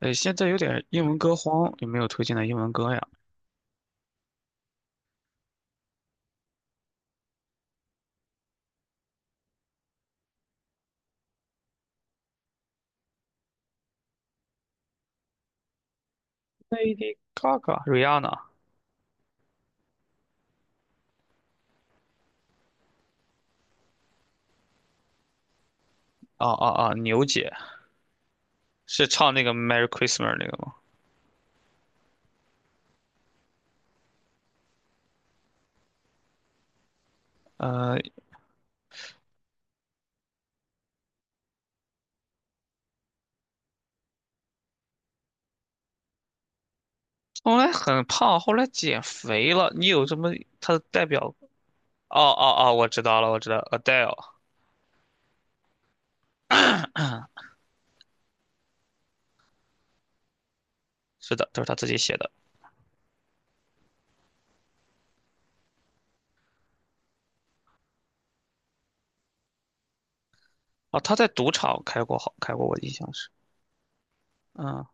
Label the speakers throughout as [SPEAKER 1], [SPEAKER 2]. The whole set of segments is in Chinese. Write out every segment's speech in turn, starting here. [SPEAKER 1] 现在有点英文歌荒，有没有推荐的英文歌呀？Lady Gaga、Rihanna，牛姐是唱那个《Merry Christmas》那个吗？呃，后来很胖，后来减肥了。你有什么她的代表？哦，我知道了，我知道，Adele，是的，都是她自己写的。哦，她在赌场开过好，开过，我印象是，嗯，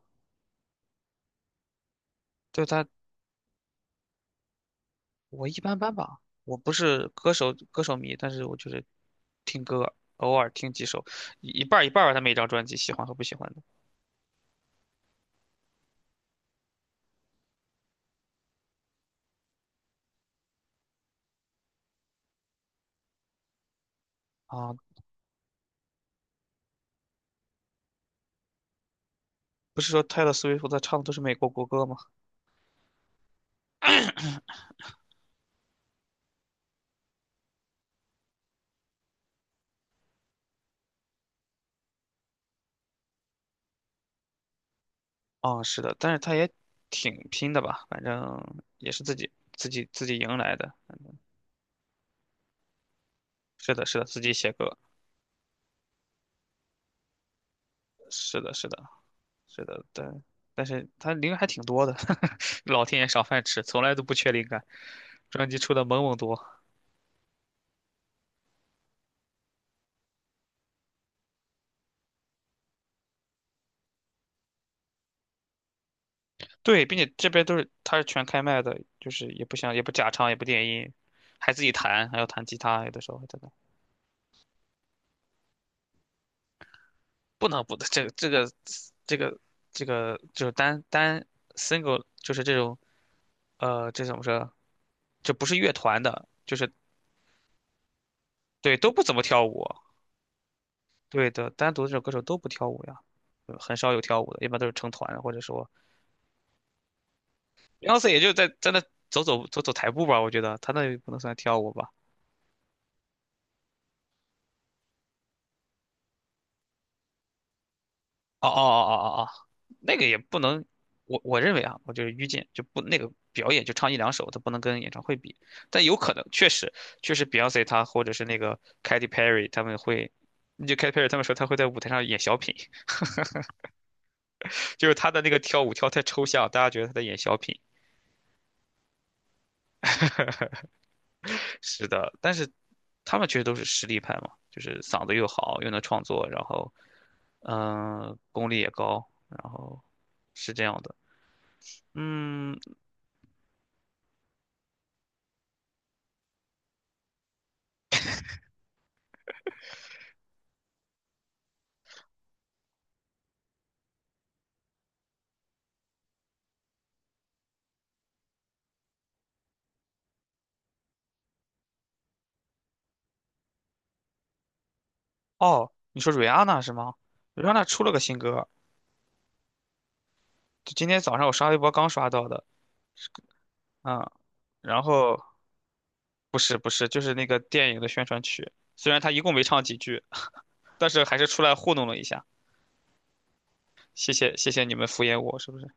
[SPEAKER 1] 对她，我一般般吧。我不是歌手迷，但是我就是听歌，偶尔听几首，一半儿一半儿吧。他每一张专辑喜欢和不喜欢的。啊，不是说泰勒·斯威夫特唱的都是美国国歌吗？是的，但是他也挺拼的吧，反正也是自己迎来的。是的，是的，自己写歌。是的，是的，是的，但是他灵感还挺多的，老天爷赏饭吃，从来都不缺灵感。专辑出的猛多，对，并且这边都是他是全开麦的，就是也不想也不假唱也不电音，还自己弹，还要弹吉他，有的时候还在那。不能不的，这个这个就是单 single 就是这种这怎么说？就不是乐团的，就是对都不怎么跳舞，对的，单独这种歌手都不跳舞呀，很少有跳舞的，一般都是成团的，或者说 Beyonce 也就在那走台步吧，我觉得他那也不能算跳舞吧。哦哦哦哦哦哦，那个也不能，我认为啊，我就是愚见，就不那个表演就唱一两首，它不能跟演唱会比，但有可能确实 Beyonce 他或者是那个 Katy Perry 他们会，就 Katy Perry 他们说他会在舞台上演小品，就是他的那个跳舞跳太抽象，大家觉得他在演小品。是的，但是他们确实都是实力派嘛，就是嗓子又好，又能创作，然后功力也高，然后是这样的。嗯，哦，你说瑞安娜是吗？瑞安娜出了个新歌，就今天早上我刷微博刚刷到的。嗯，然后不是不是，就是那个电影的宣传曲，虽然他一共没唱几句，但是还是出来糊弄了一下。谢谢你们敷衍我，是不是？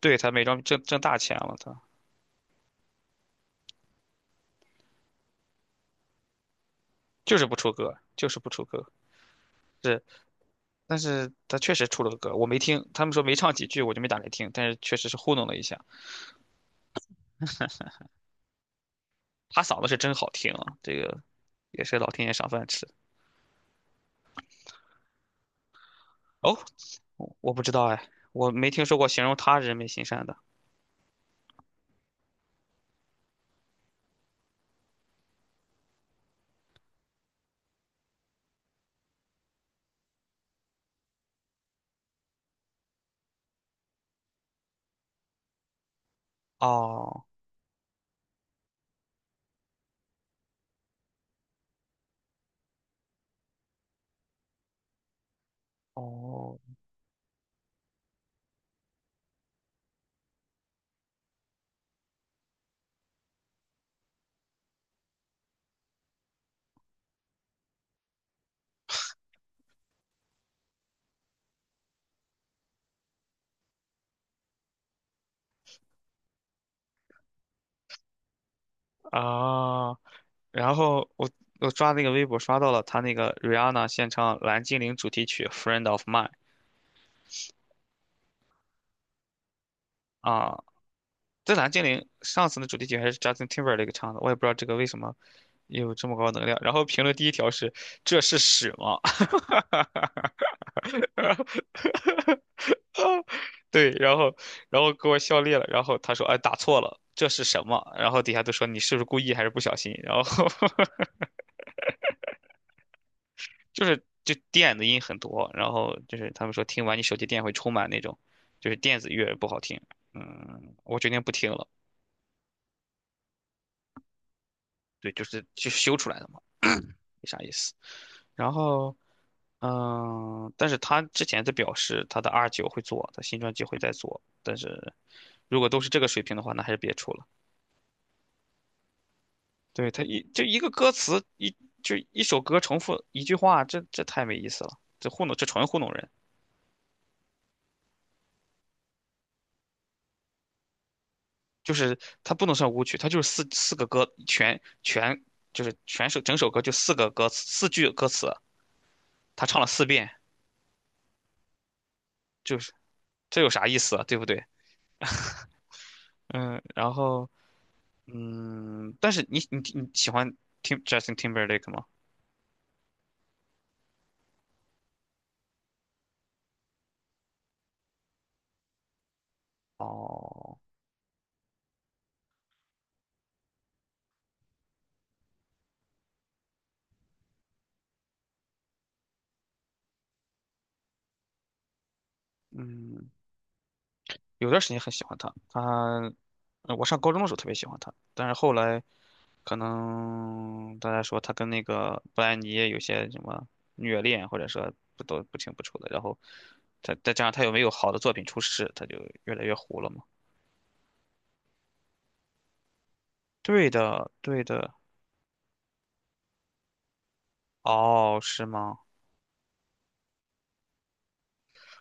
[SPEAKER 1] 对，他美妆挣大钱了，他就是不出歌，就是不出歌。是，但是他确实出了个歌，我没听，他们说没唱几句，我就没打开听，但是确实是糊弄了一下。他嗓子是真好听啊，这个也是老天爷赏饭吃。哦，我不知道哎，我没听说过形容他人美心善的。哦哦啊！然后我刷那个微博刷到了他那个 Rihanna 献唱《蓝精灵》主题曲《Friend of Mine》啊，这《蓝精灵》上次的主题曲还是 Justin Timberlake 唱的，我也不知道这个为什么有这么高能量。然后评论第一条是这是屎吗？对，然后给我笑裂了。然后他说：“哎，打错了，这是什么？”然后底下都说你是不是故意还是不小心？然后就电子音很多，然后就是他们说听完你手机电会充满那种，就是电子乐不好听。嗯，我决定不听了。对，就修出来的嘛，没啥意思。然后，嗯，但是他之前在表示他的 R 九会做，他新专辑会再做，但是如果都是这个水平的话，那还是别出了。对，他一就一个歌词一就一首歌重复一句话，这太没意思了，这糊弄这纯糊弄人。就是它不能算舞曲，它就是四四个歌全全就是全首整首歌就四个歌词四句歌词，他唱了四遍，就是这有啥意思啊，对不对？嗯，然后嗯，但是你喜欢听 Justin Timberlake 吗？哦，嗯，有段时间很喜欢他，他，我上高中的时候特别喜欢他，但是后来可能大家说他跟那个布兰妮有些什么虐恋，或者说不都不清不楚的，然后他再加上又没有好的作品出世，他就越来越糊了嘛。对的，对的，哦，是吗？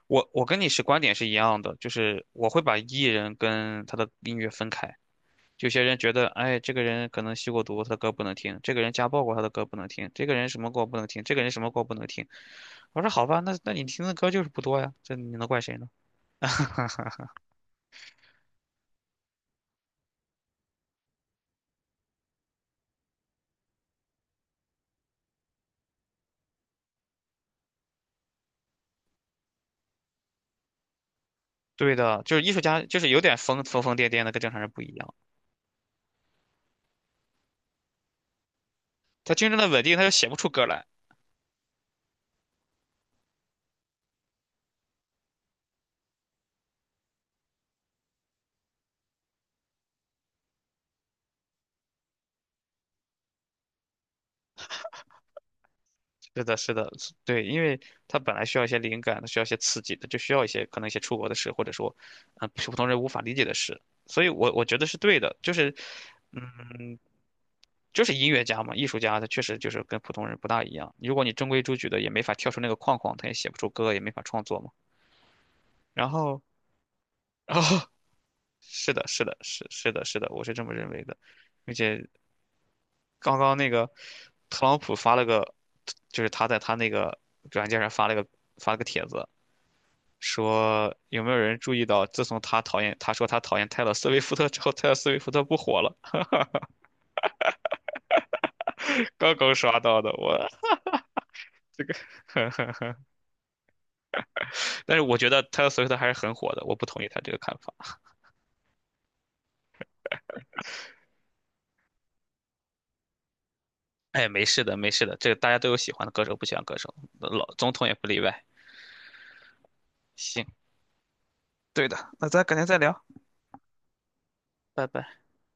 [SPEAKER 1] 我跟你是观点是一样的，就是我会把艺人跟他的音乐分开。有些人觉得，哎，这个人可能吸过毒，他的歌不能听；这个人家暴过，他的歌不能听；这个人什么过不能听；这个人什么过不能听。我说好吧，那你听的歌就是不多呀，这你能怪谁呢？对的，就是艺术家，就是有点疯疯癫癫的，跟正常人不一样。他真正的稳定，他就写不出歌来。是的，是的，是对，因为他本来需要一些灵感，他需要一些刺激，他就需要一些可能一些出国的事，或者说，普通人无法理解的事。所以我觉得是对的，就是，嗯，就是音乐家嘛，艺术家，他确实就是跟普通人不大一样。如果你中规中矩的，也没法跳出那个框框，他也写不出歌，也没法创作嘛。然后，然后，是的，是的，是的，是的，我是这么认为的。并且刚刚那个特朗普发了个，就是他在他那个软件上发了个帖子，说有没有人注意到，自从他讨厌他说他讨厌泰勒·斯威夫特之后，泰勒·斯威夫特不火了。刚刚刷到的，我这个，但是我觉得泰勒·斯威夫特还是很火的，我不同意他这个看法。哎，没事的，没事的，这个大家都有喜欢的歌手，不喜欢歌手，老总统也不例外。行，对的，那咱改天再聊，拜拜。